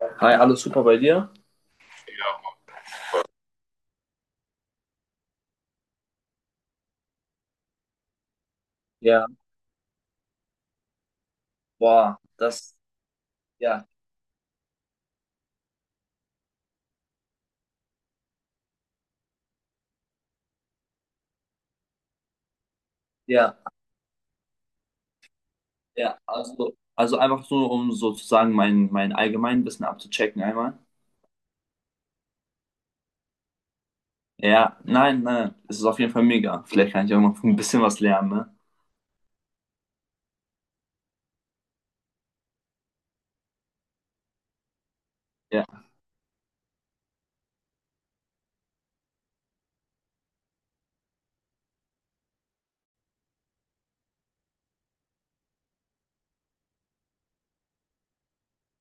Hi, alles super bei dir? Ja, boah, ja, ja, ja, also einfach so, um sozusagen mein allgemein Wissen abzuchecken einmal. Ja, nein, nein, es ist auf jeden Fall mega. Vielleicht kann ich auch noch ein bisschen was lernen, ne? Ja,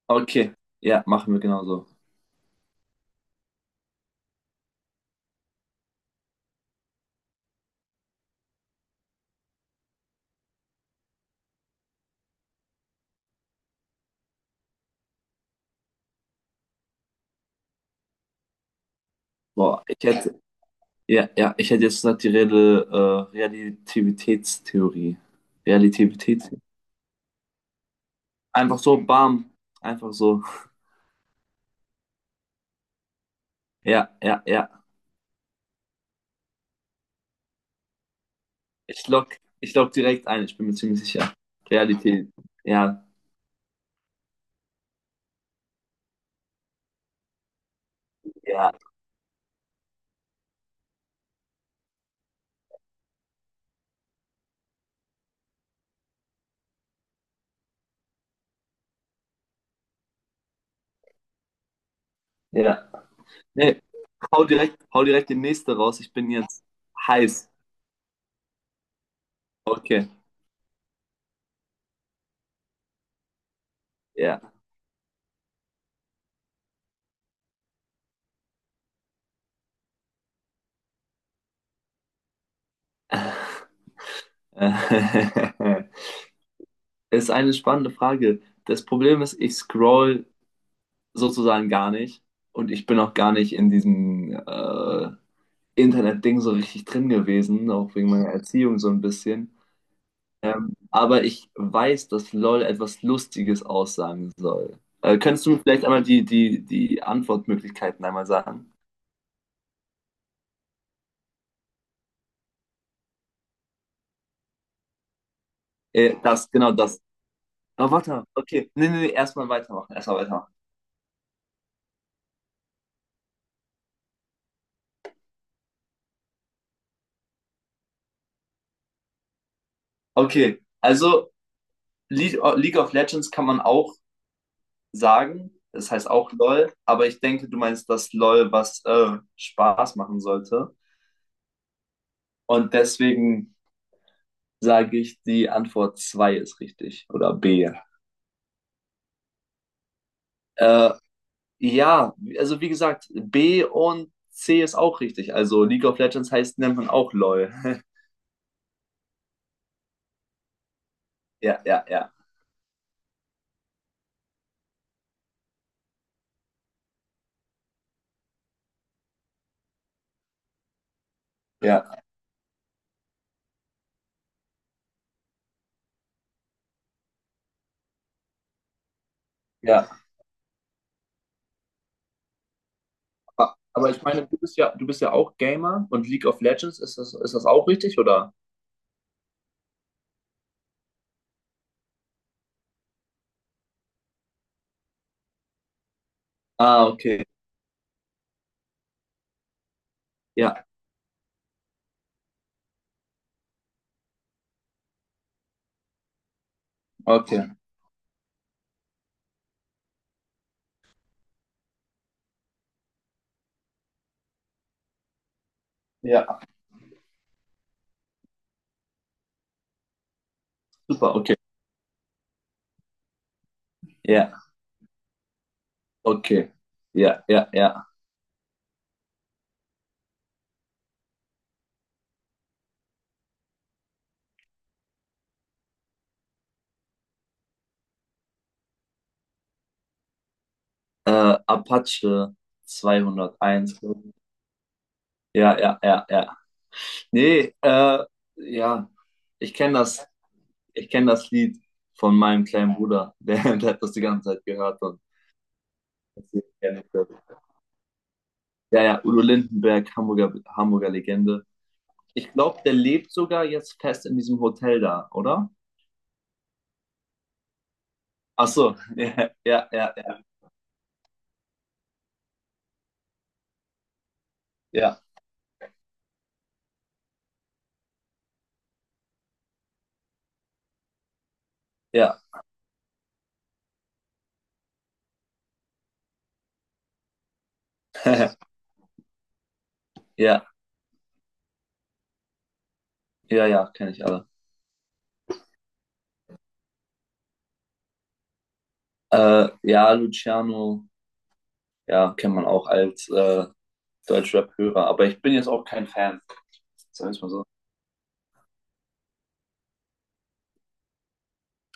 okay, ja, machen wir genauso. Boah, ja, ja, ich hätte jetzt gesagt, Relativitätstheorie. Relativitäts, Einfach so, bam, einfach so. Ja, ja, ja. Ich lock direkt ein, ich bin mir ziemlich sicher. Realität. Ja, ja, ja. Nee, hau direkt den nächsten raus. Ich bin jetzt heiß. Okay, ja. Ist eine spannende Frage. Das Problem ist, ich scroll sozusagen gar nicht und ich bin auch gar nicht in diesem Internet-Ding so richtig drin gewesen, auch wegen meiner Erziehung so ein bisschen. Aber ich weiß, dass LOL etwas Lustiges aussagen soll. Könntest du mir vielleicht einmal die Antwortmöglichkeiten einmal sagen? Genau das. Aber warte, okay. Nee, nee, nee, erstmal weitermachen. Erstmal weitermachen. Okay, also Le League of Legends kann man auch sagen. Das heißt auch LOL. Aber ich denke, du meinst das LOL, was Spaß machen sollte. Und deswegen sage ich, die Antwort 2 ist richtig. Oder B. Äh, Ja, also wie gesagt, B und C ist auch richtig. Also League of Legends heißt, nennt man auch LOL. Ja, ja, ja. Ja, ja. Aber ich meine, du bist ja auch Gamer und League of Legends, ist das auch richtig, oder? Ah, okay. Ja, okay. Ja, super, okay. Ja, okay. Ja, ja, ja. Apache 201. Ja, ja, ja, ja. Nee, ja, ich kenne das, ich kenne das Lied von meinem kleinen Bruder. Der hat das die ganze Zeit gehört und deswegen kenn ich das. Ja, ja, Udo Lindenberg, Hamburger, Hamburger Legende. Ich glaube, der lebt sogar jetzt fest in diesem Hotel da, oder? Ach so, ja, ja, ja, ja, ja, ja, ja, ja, ja, kenne ich alle. Ja, Luciano, ja, kennt man auch als Deutschrap-Hörer, aber ich bin jetzt auch kein Fan, sagen wir mal so.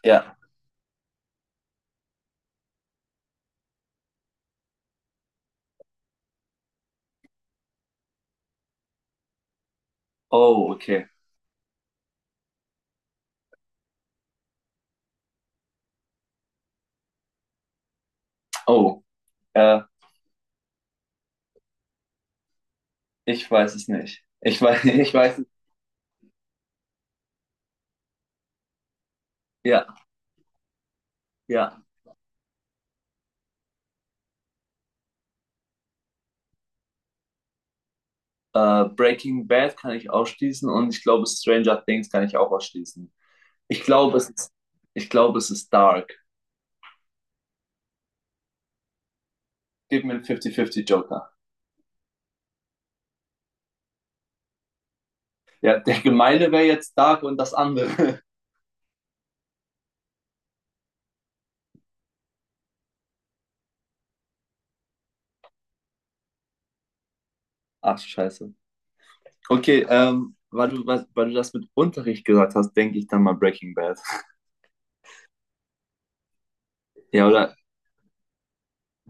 Ja, oh, okay, oh, äh, ich weiß es nicht. Ich weiß, ich weiß. Ja, ja. Breaking Bad kann ich ausschließen und ich glaube Stranger Things kann ich auch ausschließen. Ich glaube, es ist, Ich glaube, es ist Dark. Gib mir einen 50-50 Joker. Ja, der gemeine wäre jetzt Dark und das andere. Ach, scheiße. Okay, weil du das mit Unterricht gesagt hast, denke ich dann mal Breaking Bad. Ja, oder?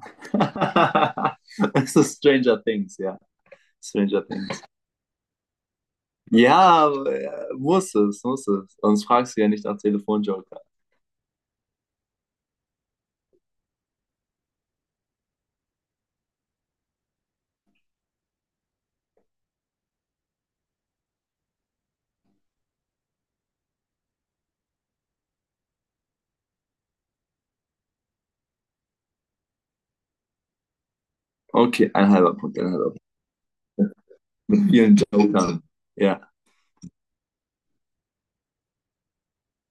Es ist Stranger Things, ja. Stranger Things. Ja, muss es, muss es. Sonst fragst du ja nicht nach Telefonjoker. Okay, ein halber Punkt, ein halber. Mit vielen Jokern. Ja.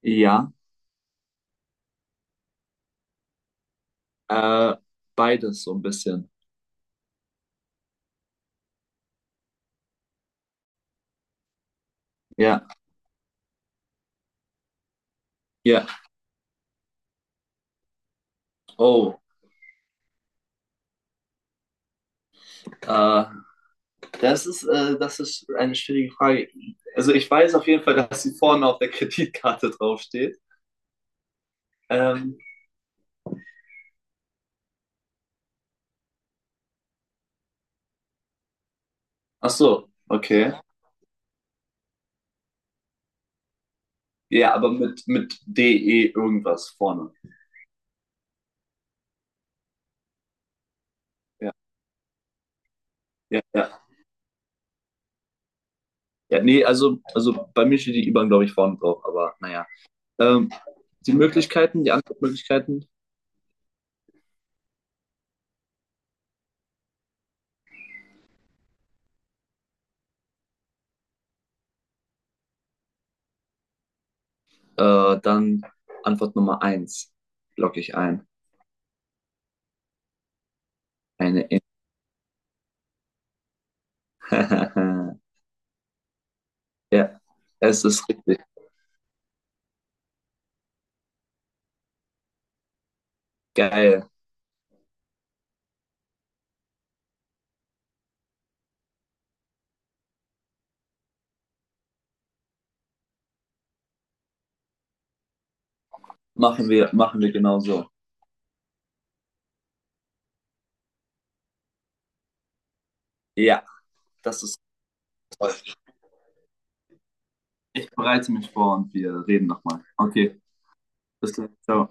Ja. Äh, Beides so ein bisschen. Ja. Ja. Oh. Äh, das ist eine schwierige Frage. Also ich weiß auf jeden Fall, dass sie vorne auf der Kreditkarte draufsteht. Ähm, Ach so, okay. Ja, aber mit DE irgendwas vorne. Ja, ja, ja. Ja, nee, also bei mir steht die IBAN, glaube ich, vorne drauf, aber naja. Ähm, Die Antwortmöglichkeiten. Dann Antwort Nummer eins logge ich ein. Eine In Ja, es ist richtig. Geil. Machen wir genau so. Ja, das ist toll. Ich bereite mich vor und wir reden nochmal. Okay, bis gleich. Ciao.